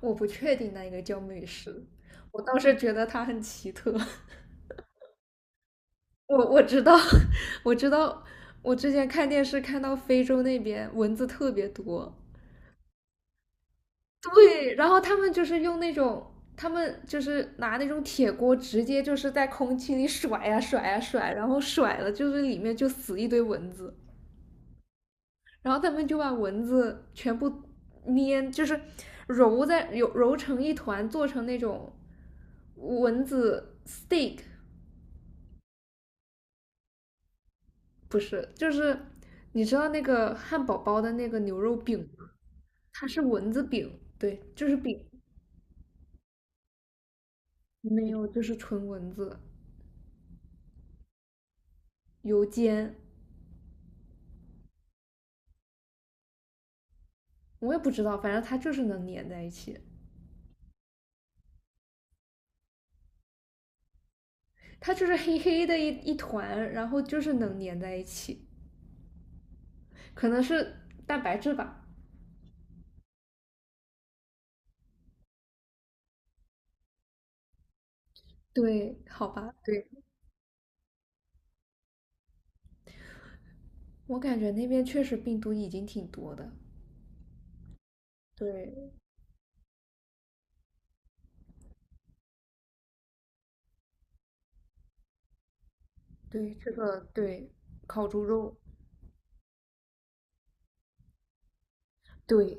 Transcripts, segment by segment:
我不确定那个叫美食，我倒是觉得它很奇特。我知道，我知道，我之前看电视看到非洲那边蚊子特别多，对，然后他们就是用那种。他们就是拿那种铁锅，直接就是在空气里甩呀、甩呀、甩，然后甩了就是里面就死一堆蚊子，然后他们就把蚊子全部粘，就是揉揉成一团，做成那种蚊子 steak，不是，就是你知道那个汉堡包的那个牛肉饼吗？它是蚊子饼，对，就是饼，没有，就是纯蚊子油煎，我也不知道，反正它就是能粘在一起，它就是黑黑的一团，然后就是能粘在一起，可能是蛋白质吧。对，好吧，对，我感觉那边确实病毒已经挺多的。对对，这个对，烤猪肉，对，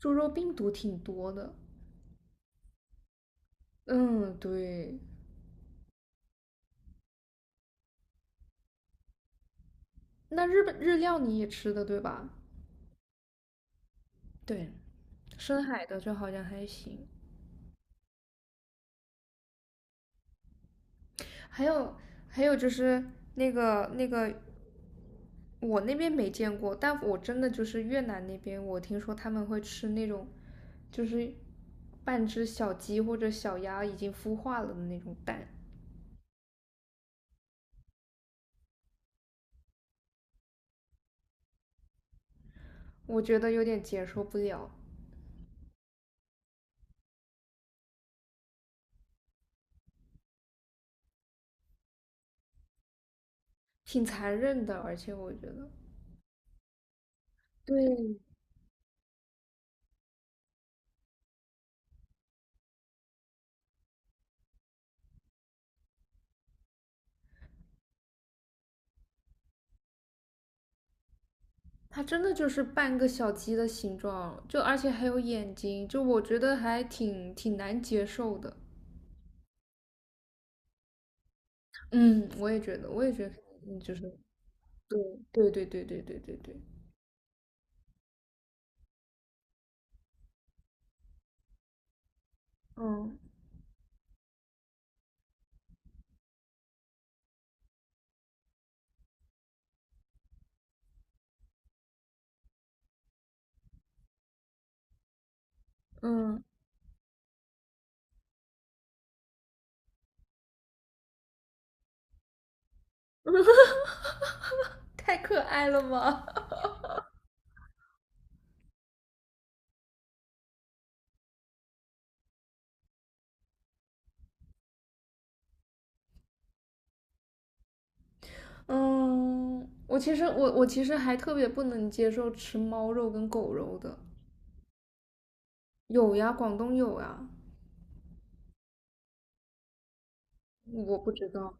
猪肉病毒挺多的。嗯，对，那日本日料你也吃的对吧？对，深海的就好像还行。还有还有就是那个，我那边没见过，但我真的就是越南那边，我听说他们会吃那种，就是半只小鸡或者小鸭已经孵化了的那种蛋，我觉得有点接受不了，挺残忍的，而且我觉得，对，它真的就是半个小鸡的形状，就而且还有眼睛，就我觉得还挺难接受的。嗯，我也觉得，我也觉得，嗯，就是对对对对对对对对，嗯嗯，太可爱了吧。嗯，我其实还特别不能接受吃猫肉跟狗肉的，有呀，广东有呀，我不知道，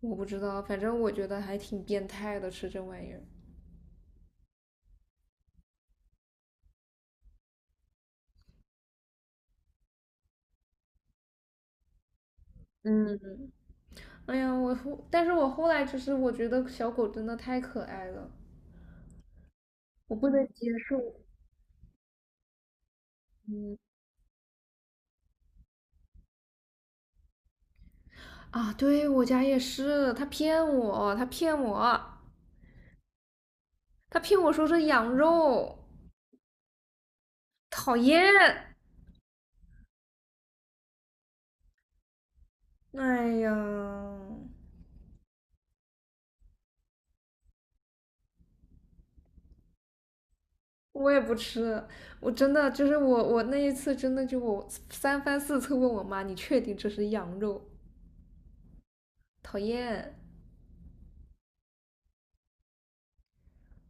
我不知道，反正我觉得还挺变态的，吃这玩意儿。嗯哎呀，但是我后来就是我觉得小狗真的太可爱了，我不能接受。嗯啊，对我家也是，他骗我，他骗我，他骗我说是羊肉，讨厌。哎呀，我也不吃，我真的就是我那一次真的就我三番四次问我妈，你确定这是羊肉？讨厌。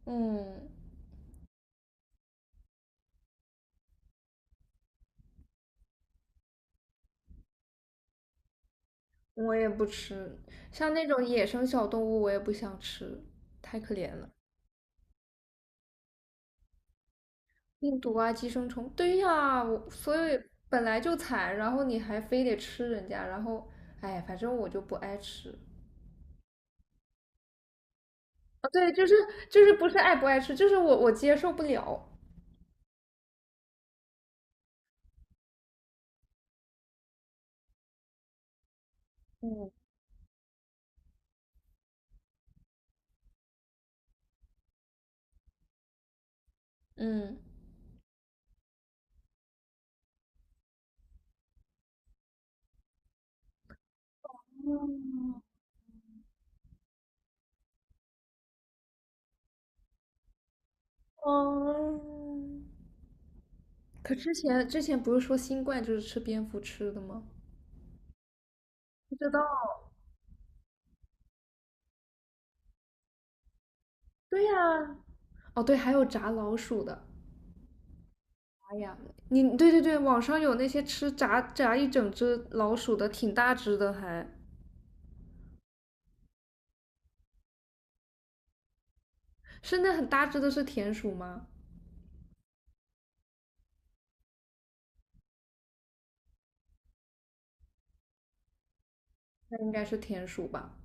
嗯，我也不吃，像那种野生小动物我也不想吃，太可怜了。病毒啊，寄生虫，对呀，我所以本来就惨，然后你还非得吃人家，然后，哎，反正我就不爱吃。啊，对，就是不是爱不爱吃，就是我接受不了。嗯嗯嗯嗯，可之前不是说新冠就是吃蝙蝠吃的吗？不知道。对呀，哦对，还有炸老鼠的。哎呀，你对对对，网上有那些吃炸一整只老鼠的，挺大只的还。是那很大只的是田鼠吗？那应该是田鼠吧，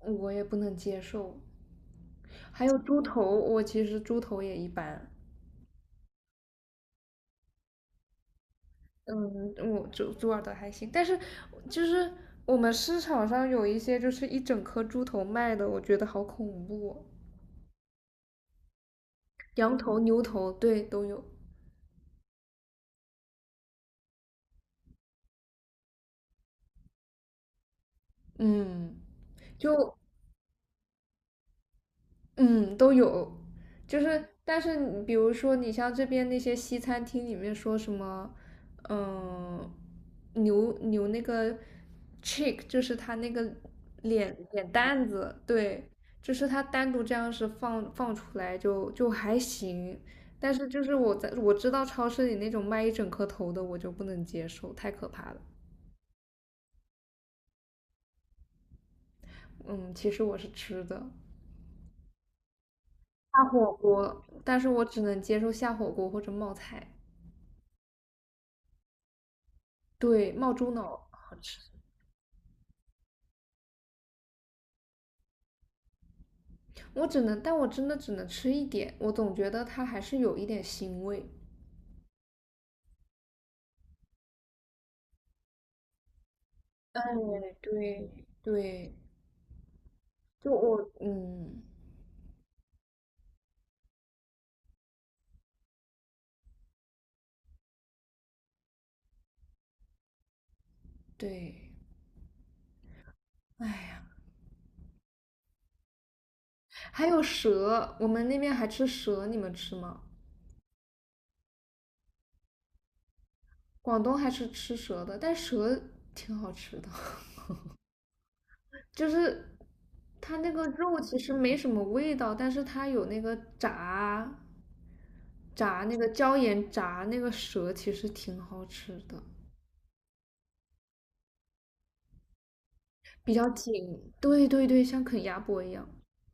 我也不能接受。还有猪头，我其实猪头也一般。嗯，我猪耳朵还行，但是就是我们市场上有一些就是一整颗猪头卖的，我觉得好恐怖哦。羊头、牛头，对，都有。嗯，就嗯，都有，就是但是你比如说你像这边那些西餐厅里面说什么，嗯、牛那个 chick 就是他那个脸蛋子，对，就是他单独这样是放出来就还行，但是就是我知道超市里那种卖一整颗头的我就不能接受，太可怕了。嗯，其实我是吃的下火锅，但是我只能接受下火锅或者冒菜。对，冒猪脑好吃，我只能，但我真的只能吃一点，我总觉得它还是有一点腥味。对对对，就我嗯对，哎呀，还有蛇，我们那边还吃蛇，你们吃吗？广东还是吃蛇的，但蛇挺好吃的，就是它那个肉其实没什么味道，但是它有那个炸炸那个椒盐炸那个蛇，其实挺好吃的。比较紧，对对对，像啃鸭脖一样，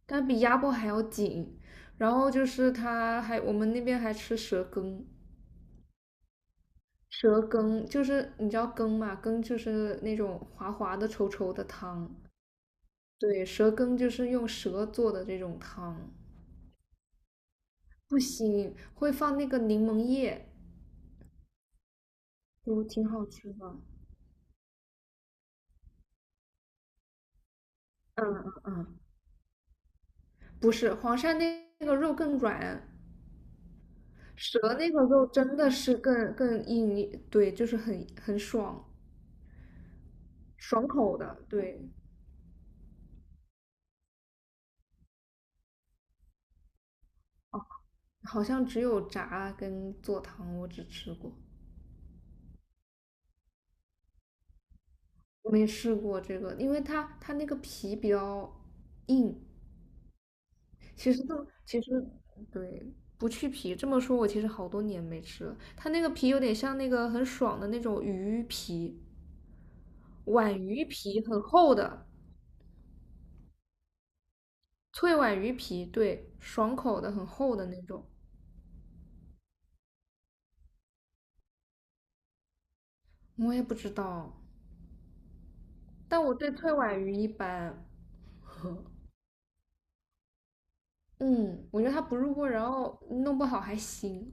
但比鸭脖还要紧。然后就是我们那边还吃蛇羹，蛇羹就是你知道羹嘛，羹就是那种滑滑的、稠稠的汤。对，蛇羹就是用蛇做的这种汤，不腥，会放那个柠檬叶，就挺好吃的。嗯嗯嗯，不是，黄鳝那个肉更软，蛇那个肉真的是更硬对，就是很爽。爽口的，对，好像只有炸跟做汤我只吃过，没试过这个，因为它那个皮比较硬。其实这其实对，不去皮，这么说我其实好多年没吃了。它那个皮有点像那个很爽的那种鱼皮，皖鱼皮很厚的，脆皖鱼皮，对，爽口的很厚的那种。我也不知道，但我对脆皖鱼一般。嗯，我觉得它不入味儿然后弄不好还腥。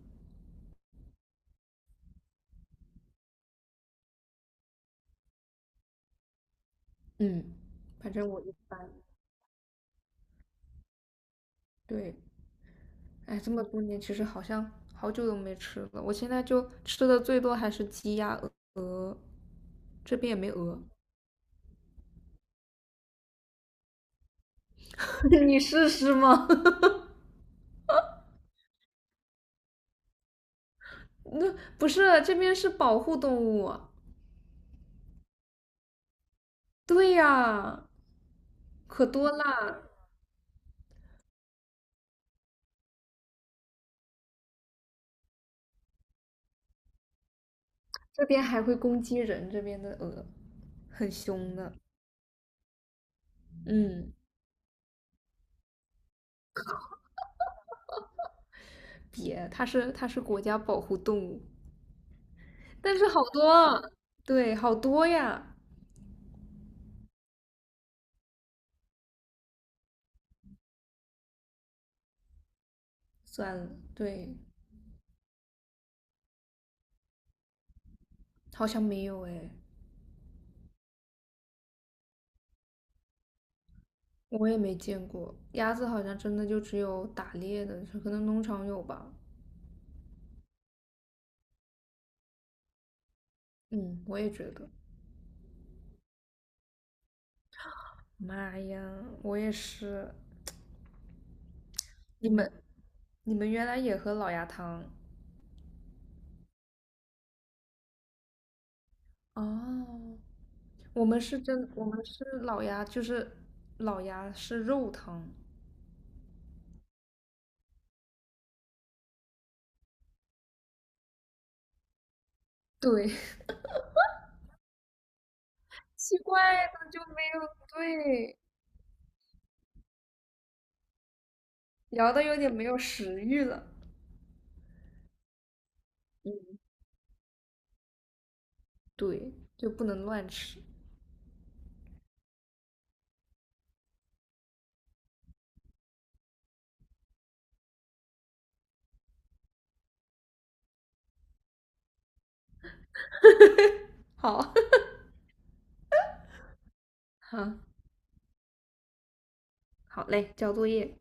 嗯，反正我一般，对，哎，这么多年其实好像好久都没吃了，我现在就吃的最多还是鸡鸭鹅，这边也没鹅，你试试吗？那不是这边是保护动物，对呀，可多啦，这边还会攻击人，这边的鹅很凶的，嗯，别，它是国家保护动物，但是好多啊，对，好多呀，算了，对，好像没有哎。我也没见过，鸭子好像真的就只有打猎的，可能农场有吧。嗯，我也觉得。妈呀，我也是。你们，你们原来也喝老鸭汤哦？我们是老鸭，就是老鸭是肉汤。对，奇怪的就没有，对，聊的有点没有食欲了。嗯，对，就不能乱吃。好，好，好嘞，交作业。